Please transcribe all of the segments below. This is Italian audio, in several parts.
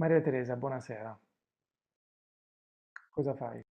Maria Teresa, buonasera. Cosa fai?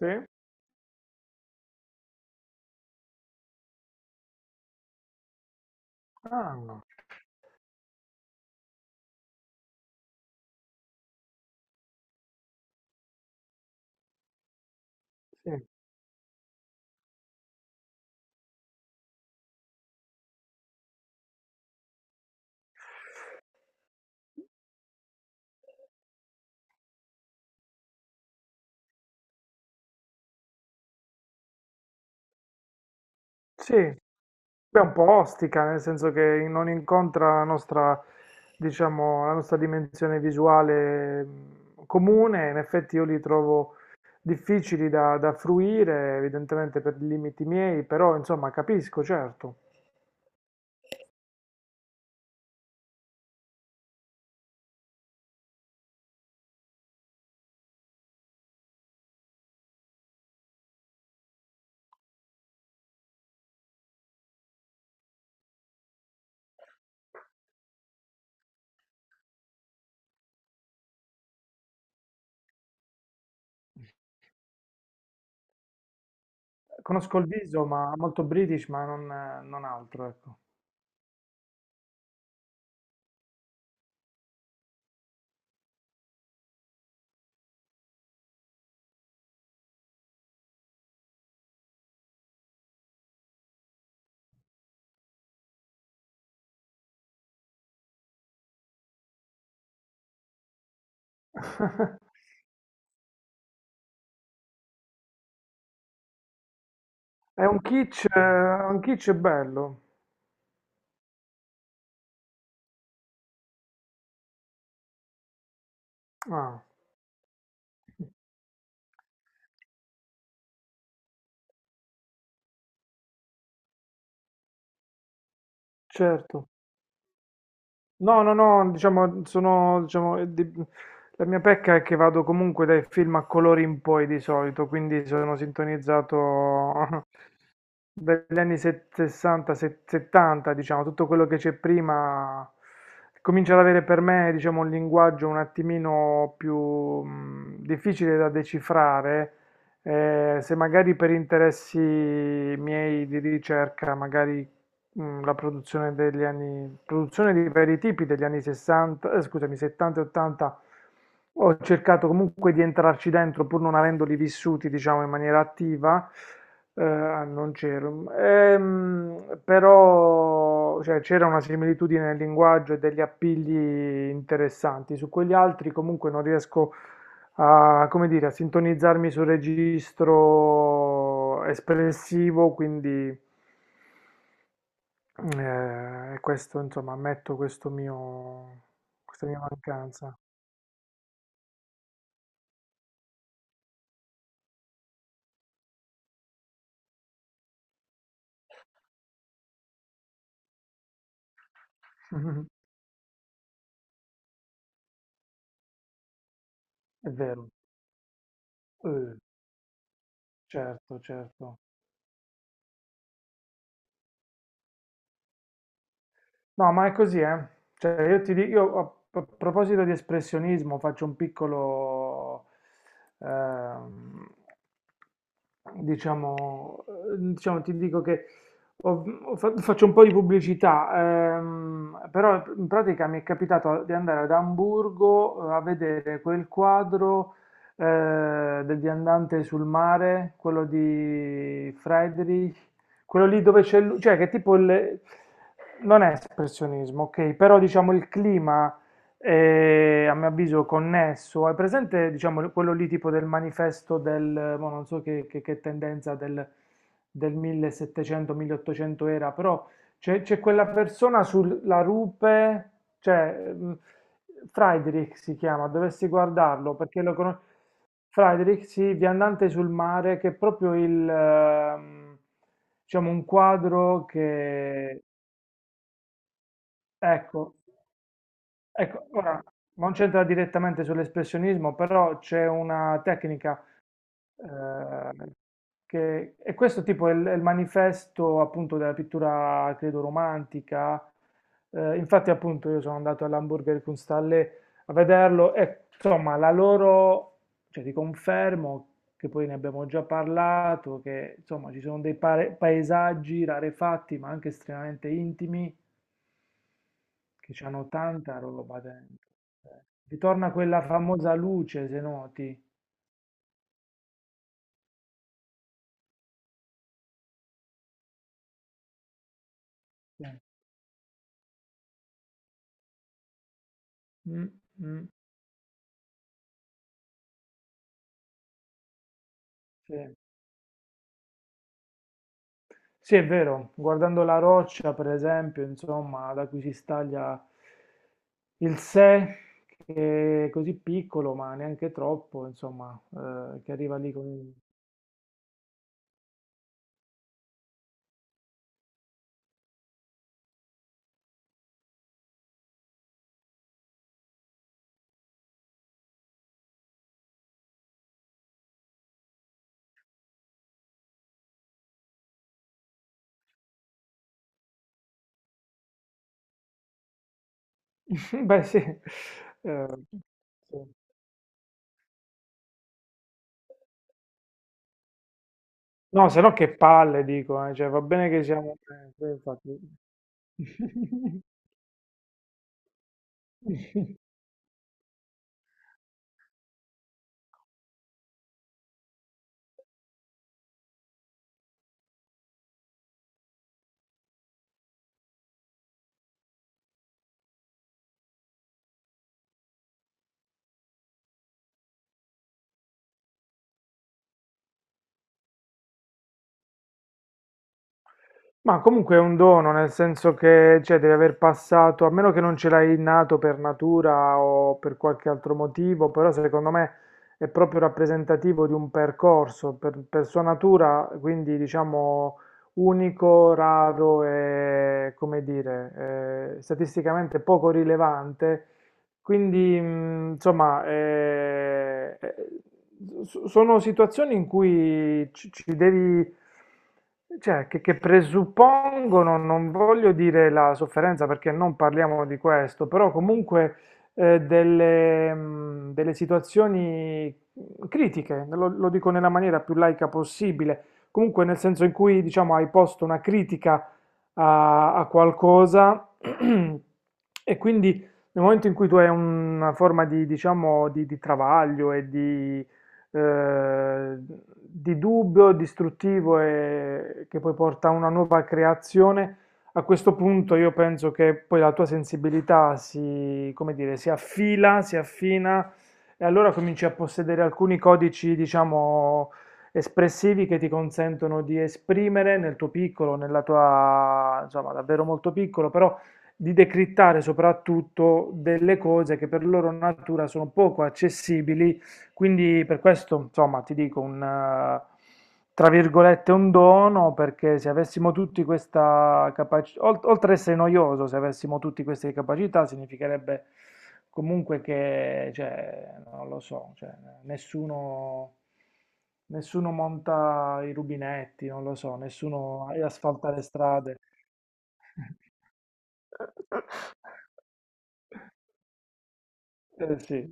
Sì? Ah, sì. Sì, beh, un po' ostica, nel senso che non incontra la nostra, diciamo, la nostra dimensione visuale comune. In effetti io li trovo difficili da fruire, evidentemente per i limiti miei, però insomma capisco, certo. Conosco il viso, ma molto British, ma non altro, ecco. È un kitsch bello. Ah, certo. No, no, no, diciamo, sono, diciamo, la mia pecca è che vado comunque dai film a colori in poi di solito, quindi sono sintonizzato dagli anni 60, 70, diciamo, tutto quello che c'è prima comincia ad avere per me, diciamo, un linguaggio un attimino più difficile da decifrare, se magari per interessi miei di ricerca, magari la produzione degli anni, produzione di vari tipi degli anni 60, scusami, 70 e 80. Ho cercato comunque di entrarci dentro pur non avendoli vissuti, diciamo, in maniera attiva. Non c'ero. Però cioè, c'era una similitudine nel linguaggio e degli appigli interessanti. Su quegli altri comunque non riesco a, come dire, a sintonizzarmi sul registro espressivo, quindi e questo insomma ammetto questo mio questa mia mancanza. È vero. Eh, certo, certo. No, ma è così, eh. Cioè, io ti dico, io a proposito di espressionismo faccio un piccolo, ehm, diciamo, diciamo, ti dico che faccio un po' di pubblicità, però in pratica mi è capitato di andare ad Amburgo, a vedere quel quadro, del viandante sul mare, quello di Friedrich, quello lì dove c'è lui. Cioè, che tipo il, non è espressionismo, ok, però diciamo il clima è, a mio avviso, connesso, è presente, diciamo quello lì tipo del manifesto del, mo non so, che tendenza del 1700-1800 era, però c'è quella persona sulla rupe. Cioè, Friedrich si chiama, dovresti guardarlo perché lo conosco. Friedrich, sì, viandante sul mare, che è proprio il, diciamo, un quadro che, ecco, ecco, ora non c'entra direttamente sull'espressionismo, però c'è una tecnica, eh, e questo tipo è il manifesto appunto della pittura, credo, romantica. Infatti, appunto, io sono andato all'Hamburger Kunsthalle a vederlo e insomma, la loro, cioè ti confermo, che poi ne abbiamo già parlato, che insomma ci sono dei paesaggi rarefatti ma anche estremamente intimi. Che c'hanno tanta roba dentro. Eh. Ritorna quella famosa luce, se noti. Sì. Mm, mm, sì. Sì, è vero, guardando la roccia, per esempio, insomma, da cui si staglia il sé, che è così piccolo, ma neanche troppo, insomma, che arriva lì con... Beh, sì. Eh, sì. No, se no che palle, dico, cioè, va bene che siamo... sì, infatti. Ma comunque è un dono, nel senso che, cioè, devi aver passato, a meno che non ce l'hai innato per natura o per qualche altro motivo, però secondo me è proprio rappresentativo di un percorso, per sua natura, quindi diciamo unico, raro e, come dire, statisticamente poco rilevante. Quindi, insomma, sono situazioni in cui ci devi, cioè, che presuppongono, non voglio dire la sofferenza perché non parliamo di questo, però comunque delle, delle situazioni critiche, lo, lo dico nella maniera più laica possibile, comunque nel senso in cui, diciamo, hai posto una critica a, a qualcosa, e quindi nel momento in cui tu hai una forma di, diciamo, di travaglio e eh, di dubbio, distruttivo e che poi porta a una nuova creazione, a questo punto io penso che poi la tua sensibilità si, come dire, si affila, si affina e allora cominci a possedere alcuni codici, diciamo, espressivi che ti consentono di esprimere nel tuo piccolo, nella tua, insomma, davvero molto piccolo, però di decrittare soprattutto delle cose che per loro natura sono poco accessibili, quindi per questo, insomma, ti dico un, tra virgolette, un dono, perché se avessimo tutti questa capacità, oltre ad essere noioso, se avessimo tutti queste capacità, significherebbe comunque che, cioè, non lo so, cioè, nessuno, nessuno monta i rubinetti, non lo so, nessuno asfalta le strade. Eh sì.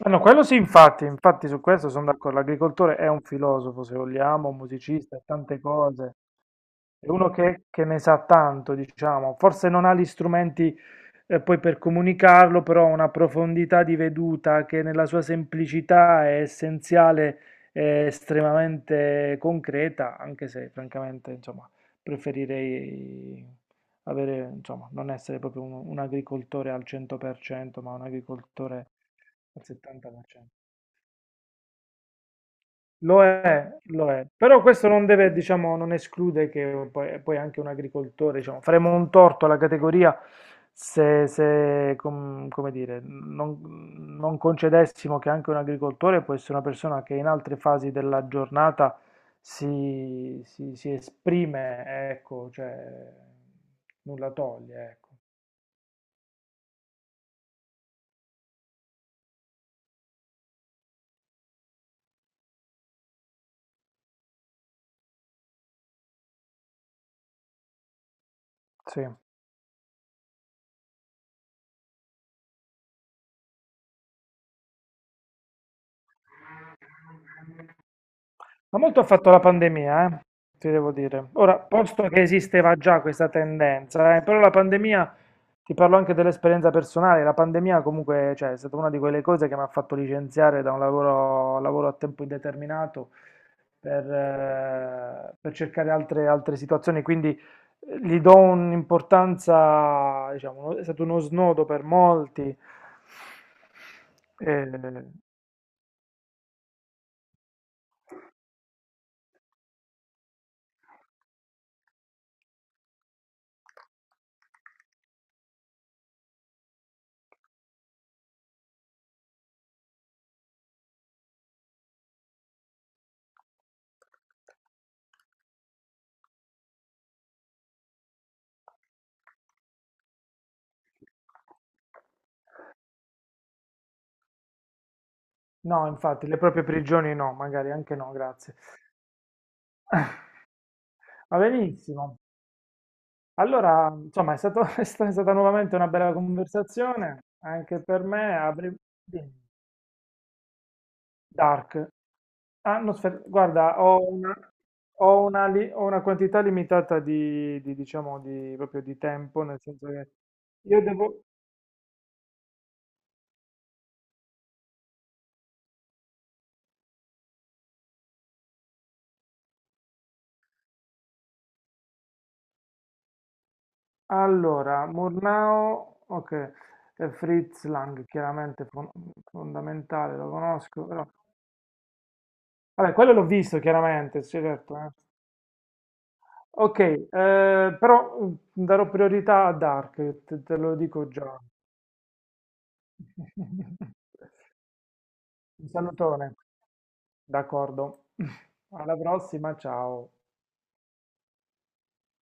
Ah, no, quello sì, infatti, infatti su questo sono d'accordo. L'agricoltore è un filosofo, se vogliamo, un musicista, è tante cose. È uno che ne sa tanto, diciamo. Forse non ha gli strumenti, poi, per comunicarlo, però ha una profondità di veduta che nella sua semplicità è essenziale e estremamente concreta, anche se francamente, insomma, preferirei avere, insomma, non essere proprio un agricoltore al 100%, ma un agricoltore al 70%. Lo è, però questo non deve, diciamo, non esclude che poi, poi anche un agricoltore, diciamo, faremo un torto alla categoria se, se, come dire, non, non concedessimo che anche un agricoltore può essere una persona che in altre fasi della giornata si, si esprime, ecco, cioè, nulla toglie, ecco. Sì. Ma molto ha fatto la pandemia, ti devo dire. Ora, posto che esisteva già questa tendenza, però la pandemia, ti parlo anche dell'esperienza personale, la pandemia comunque, cioè, è stata una di quelle cose che mi ha fatto licenziare da un lavoro, lavoro a tempo indeterminato, per cercare altre, altre situazioni, quindi gli do un'importanza, diciamo, è stato uno snodo per molti. Eh. No, infatti, le proprie prigioni no, magari anche no, grazie. Va benissimo. Allora, insomma, è stato- è è stata nuovamente una bella conversazione, anche per me. Avrei- dimmi. Dark. Ah, no, aspetta, guarda, ho una quantità limitata di, diciamo, di, proprio di tempo, nel senso che io devo... Allora, Murnau, ok, Fritz Lang, chiaramente fondamentale, lo conosco, però... Vabbè, quello l'ho visto chiaramente, sì, certo. Eh. Ok, però darò priorità a Dark, te, te lo dico già. Un salutone. D'accordo. Alla prossima, ciao.